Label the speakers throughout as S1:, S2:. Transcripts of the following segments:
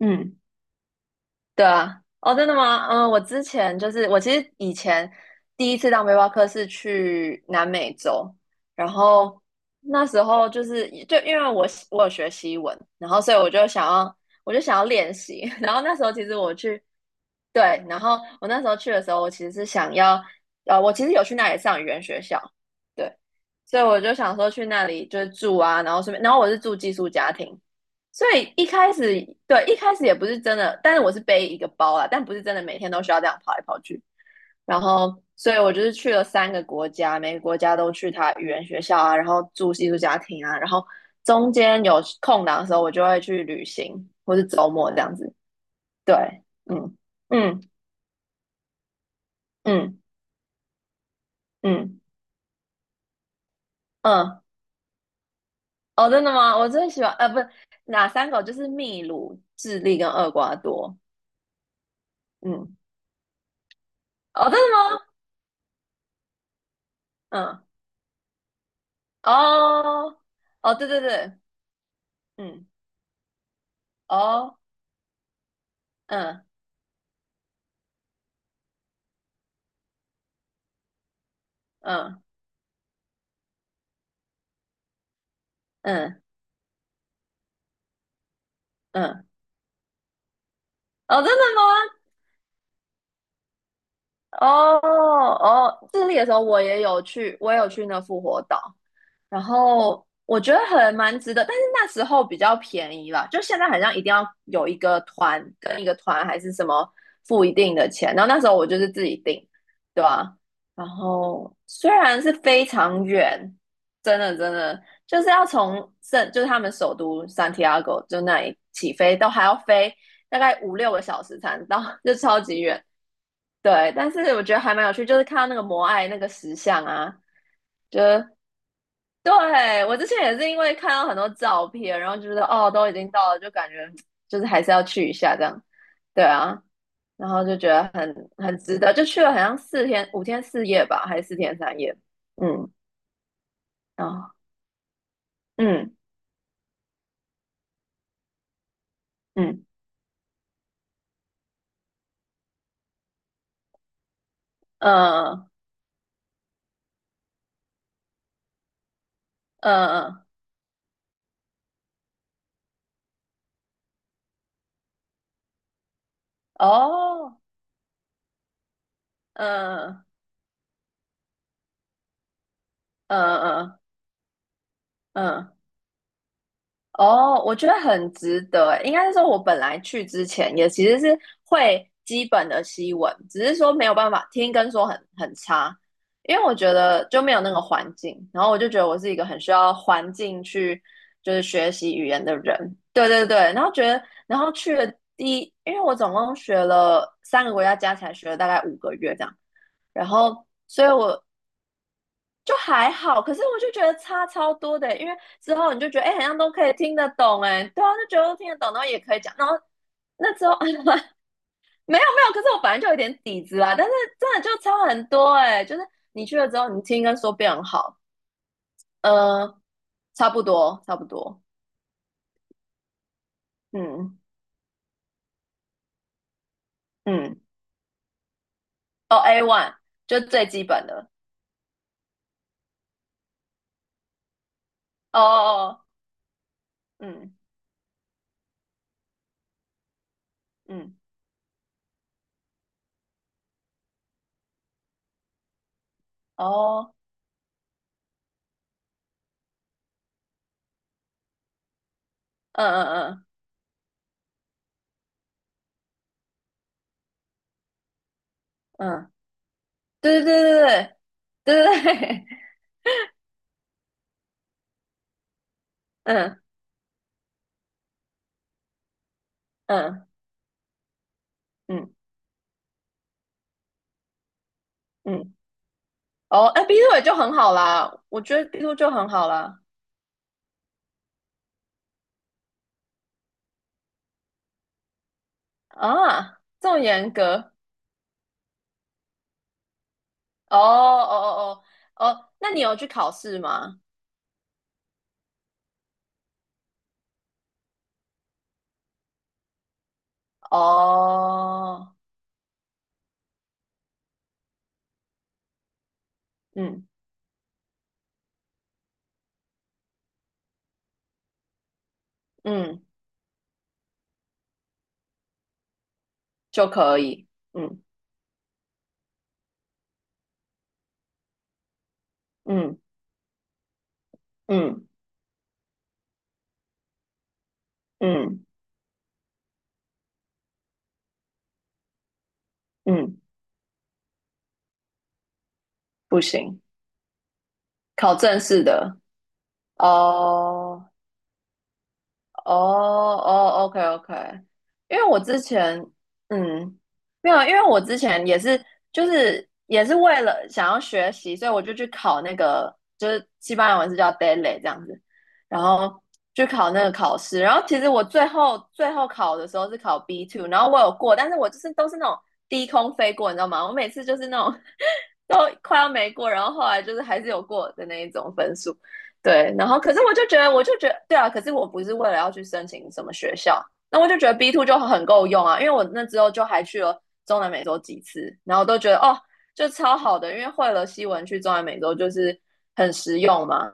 S1: 嗯，对啊，哦，真的吗？嗯，我之前就是我其实以前第一次当背包客是去南美洲。然后那时候就是就因为我有学西文，然后所以我就想要练习，然后那时候其实我去。对，然后我那时候去的时候，我其实是想要我其实有去那里上语言学校。对，所以我就想说去那里就是住啊，然后顺便然后我是住寄宿家庭。所以一开始对一开始也不是真的，但是我是背一个包啊，但不是真的每天都需要这样跑来跑去。然后，所以我就是去了三个国家，每个国家都去他语言学校啊，然后住寄宿家庭啊，然后中间有空档的时候，我就会去旅行，或是周末这样子。对，嗯嗯嗯嗯嗯，哦，真的吗？我最喜欢不是哪三个？就是秘鲁、智利跟厄瓜多。嗯，哦，真的吗？嗯。哦，哦，对对对，嗯，哦，嗯嗯嗯嗯，哦，真的吗？哦哦，智利的时候我也有去，我也有去那复活岛。然后我觉得很蛮值得，但是那时候比较便宜啦，就现在好像一定要有一个团跟一个团还是什么付一定的钱，然后那时候我就是自己订，对吧？然后虽然是非常远，真的真的就是要从圣就是他们首都 Santiago 就那里起飞，都还要飞大概5、6个小时才能到，就超级远。对，但是我觉得还蛮有趣，就是看到那个摩艾那个石像啊，就是对，我之前也是因为看到很多照片，然后就觉得哦，都已经到了，就感觉就是还是要去一下这样。对啊，然后就觉得很值得，就去了好像4天5天4夜吧，还是4天3夜？嗯，啊、嗯嗯嗯嗯嗯嗯哦，嗯嗯嗯嗯哦，我觉得很值得欸。应该是说，我本来去之前也其实是会基本的西文，只是说没有办法听跟说很差。因为我觉得就没有那个环境。然后我就觉得我是一个很需要环境去就是学习语言的人。对对对，然后觉得，然后去了第一，因为我总共学了三个国家，加起来学了大概5个月这样。然后，所以我就还好，可是我就觉得差超多的欸因为之后你就觉得，哎、欸好像都可以听得懂，哎，对啊，就觉得都听得懂，然后也可以讲，然后那之后啊没有没有，可是我本来就有点底子啦，但是真的就差很多，哎，就是你去了之后，你听跟说变好，嗯，差不多，差不多，嗯嗯，哦，A1 就最基本的。哦哦哦，嗯嗯，哦，嗯嗯嗯嗯，对对对对对对对对，嗯嗯嗯嗯。哦，哎，B t 也就很好啦，我觉得 B t 就很好啦。啊，这么严格？哦哦哦哦哦，那你有去考试吗？哦，嗯嗯，就可以，嗯嗯嗯嗯嗯，不行，考正式的。哦哦哦，OK OK，因为我之前嗯没有，因为我之前也是就是也是为了想要学习，所以我就去考那个就是西班牙文是叫 DAILY 这样子。然后去考那个考试，然后其实我最后最后考的时候是考 B two，然后我有过，但是我就是都是那种低空飞过，你知道吗？我每次就是那种 都快要没过，然后后来就是还是有过的那一种分数。对，然后可是我就觉得，我就觉得，对啊，可是我不是为了要去申请什么学校，那我就觉得 B two 就很够用啊，因为我那之后就还去了中南美洲几次，然后都觉得哦，就超好的，因为会了西文去中南美洲就是很实用嘛。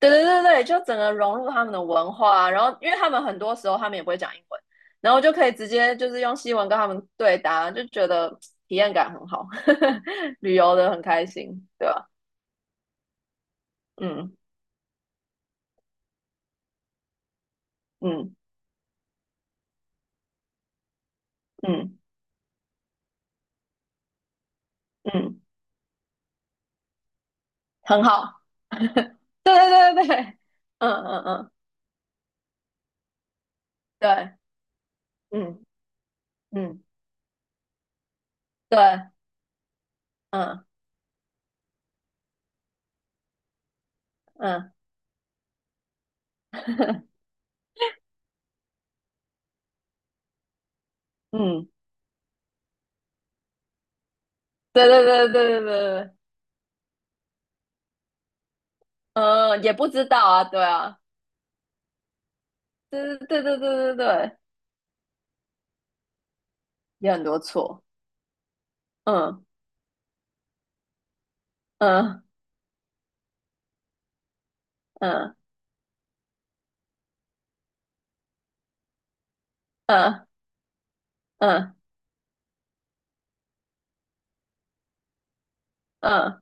S1: 对对对对，就整个融入他们的文化啊然后因为他们很多时候他们也不会讲英文，然后就可以直接就是用西文跟他们对答，就觉得体验感很好，旅游的很开心，对吧？嗯嗯嗯嗯。嗯很好。对对对对，对嗯嗯嗯，对，嗯嗯对，嗯嗯嗯，对对对对对对对，嗯，也不知道啊，对啊，对对对对对对对，有很多错，嗯嗯嗯嗯嗯嗯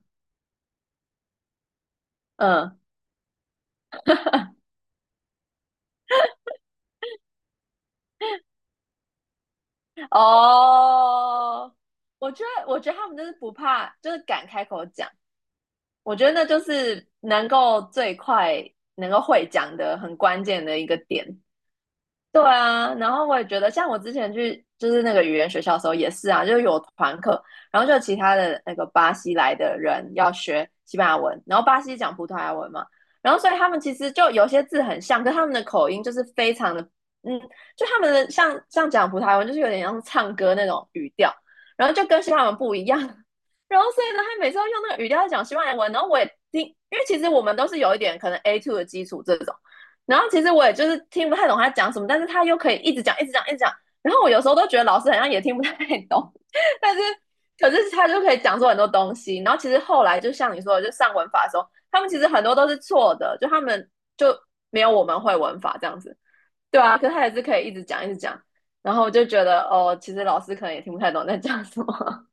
S1: 嗯，哦，我觉得我觉得他们就是不怕，就是敢开口讲，我觉得那就是能够最快能够会讲的很关键的一个点，对啊，然后我也觉得，像我之前去就是那个语言学校的时候也是啊，就是有团课。然后就有其他的那个巴西来的人要学西班牙文，然后巴西讲葡萄牙文嘛，然后所以他们其实就有些字很像，跟他们的口音就是非常的，嗯，就他们的像讲葡萄牙文就是有点像唱歌那种语调，然后就跟西班牙文不一样，然后所以呢，他每次要用那个语调在讲西班牙文，然后我也听，因为其实我们都是有一点可能 A2 的基础这种。然后其实我也就是听不太懂他讲什么，但是他又可以一直讲，一直讲，一直讲。然后我有时候都觉得老师好像也听不太懂，但是可是他就可以讲出很多东西。然后其实后来就像你说的，就上文法的时候，他们其实很多都是错的，就他们就没有我们会文法这样子，对啊。可是他也是可以一直讲，一直讲。然后我就觉得哦，其实老师可能也听不太懂在讲什么。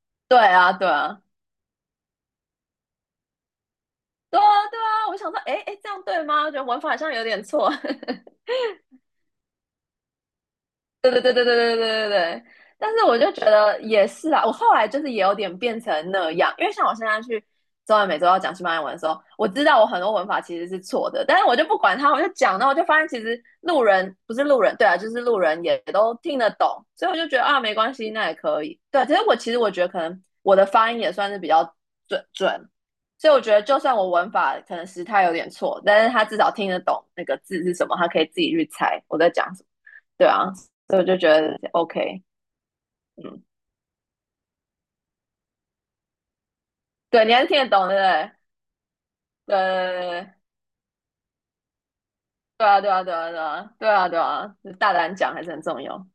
S1: 对啊，对啊，对啊，对啊。我想说，哎哎，这样对吗？我觉得文法好像有点错。对对对对对对对对对，但是我就觉得也是啊，我后来就是也有点变成那样，因为像我现在去中南每周要讲西班牙文的时候，我知道我很多文法其实是错的，但是我就不管它，我就讲，然后我就发现其实路人不是路人，对啊，就是路人也都听得懂，所以我就觉得啊，没关系，那也可以。对啊，其实我其实我觉得可能我的发音也算是比较准准，所以我觉得就算我文法可能时态有点错，但是他至少听得懂那个字是什么，他可以自己去猜我在讲什么。对啊，所以我就觉得 OK，嗯，对，你还是听得懂，对不对？对，对啊，对啊，对啊，对啊，对啊，对啊，大胆讲还是很重要。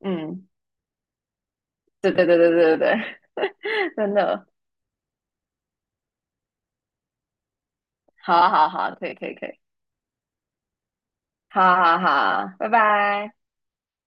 S1: 嗯，对对对对对对对，真的，好啊好啊好啊，可以可以可以，好啊好啊好啊拜拜。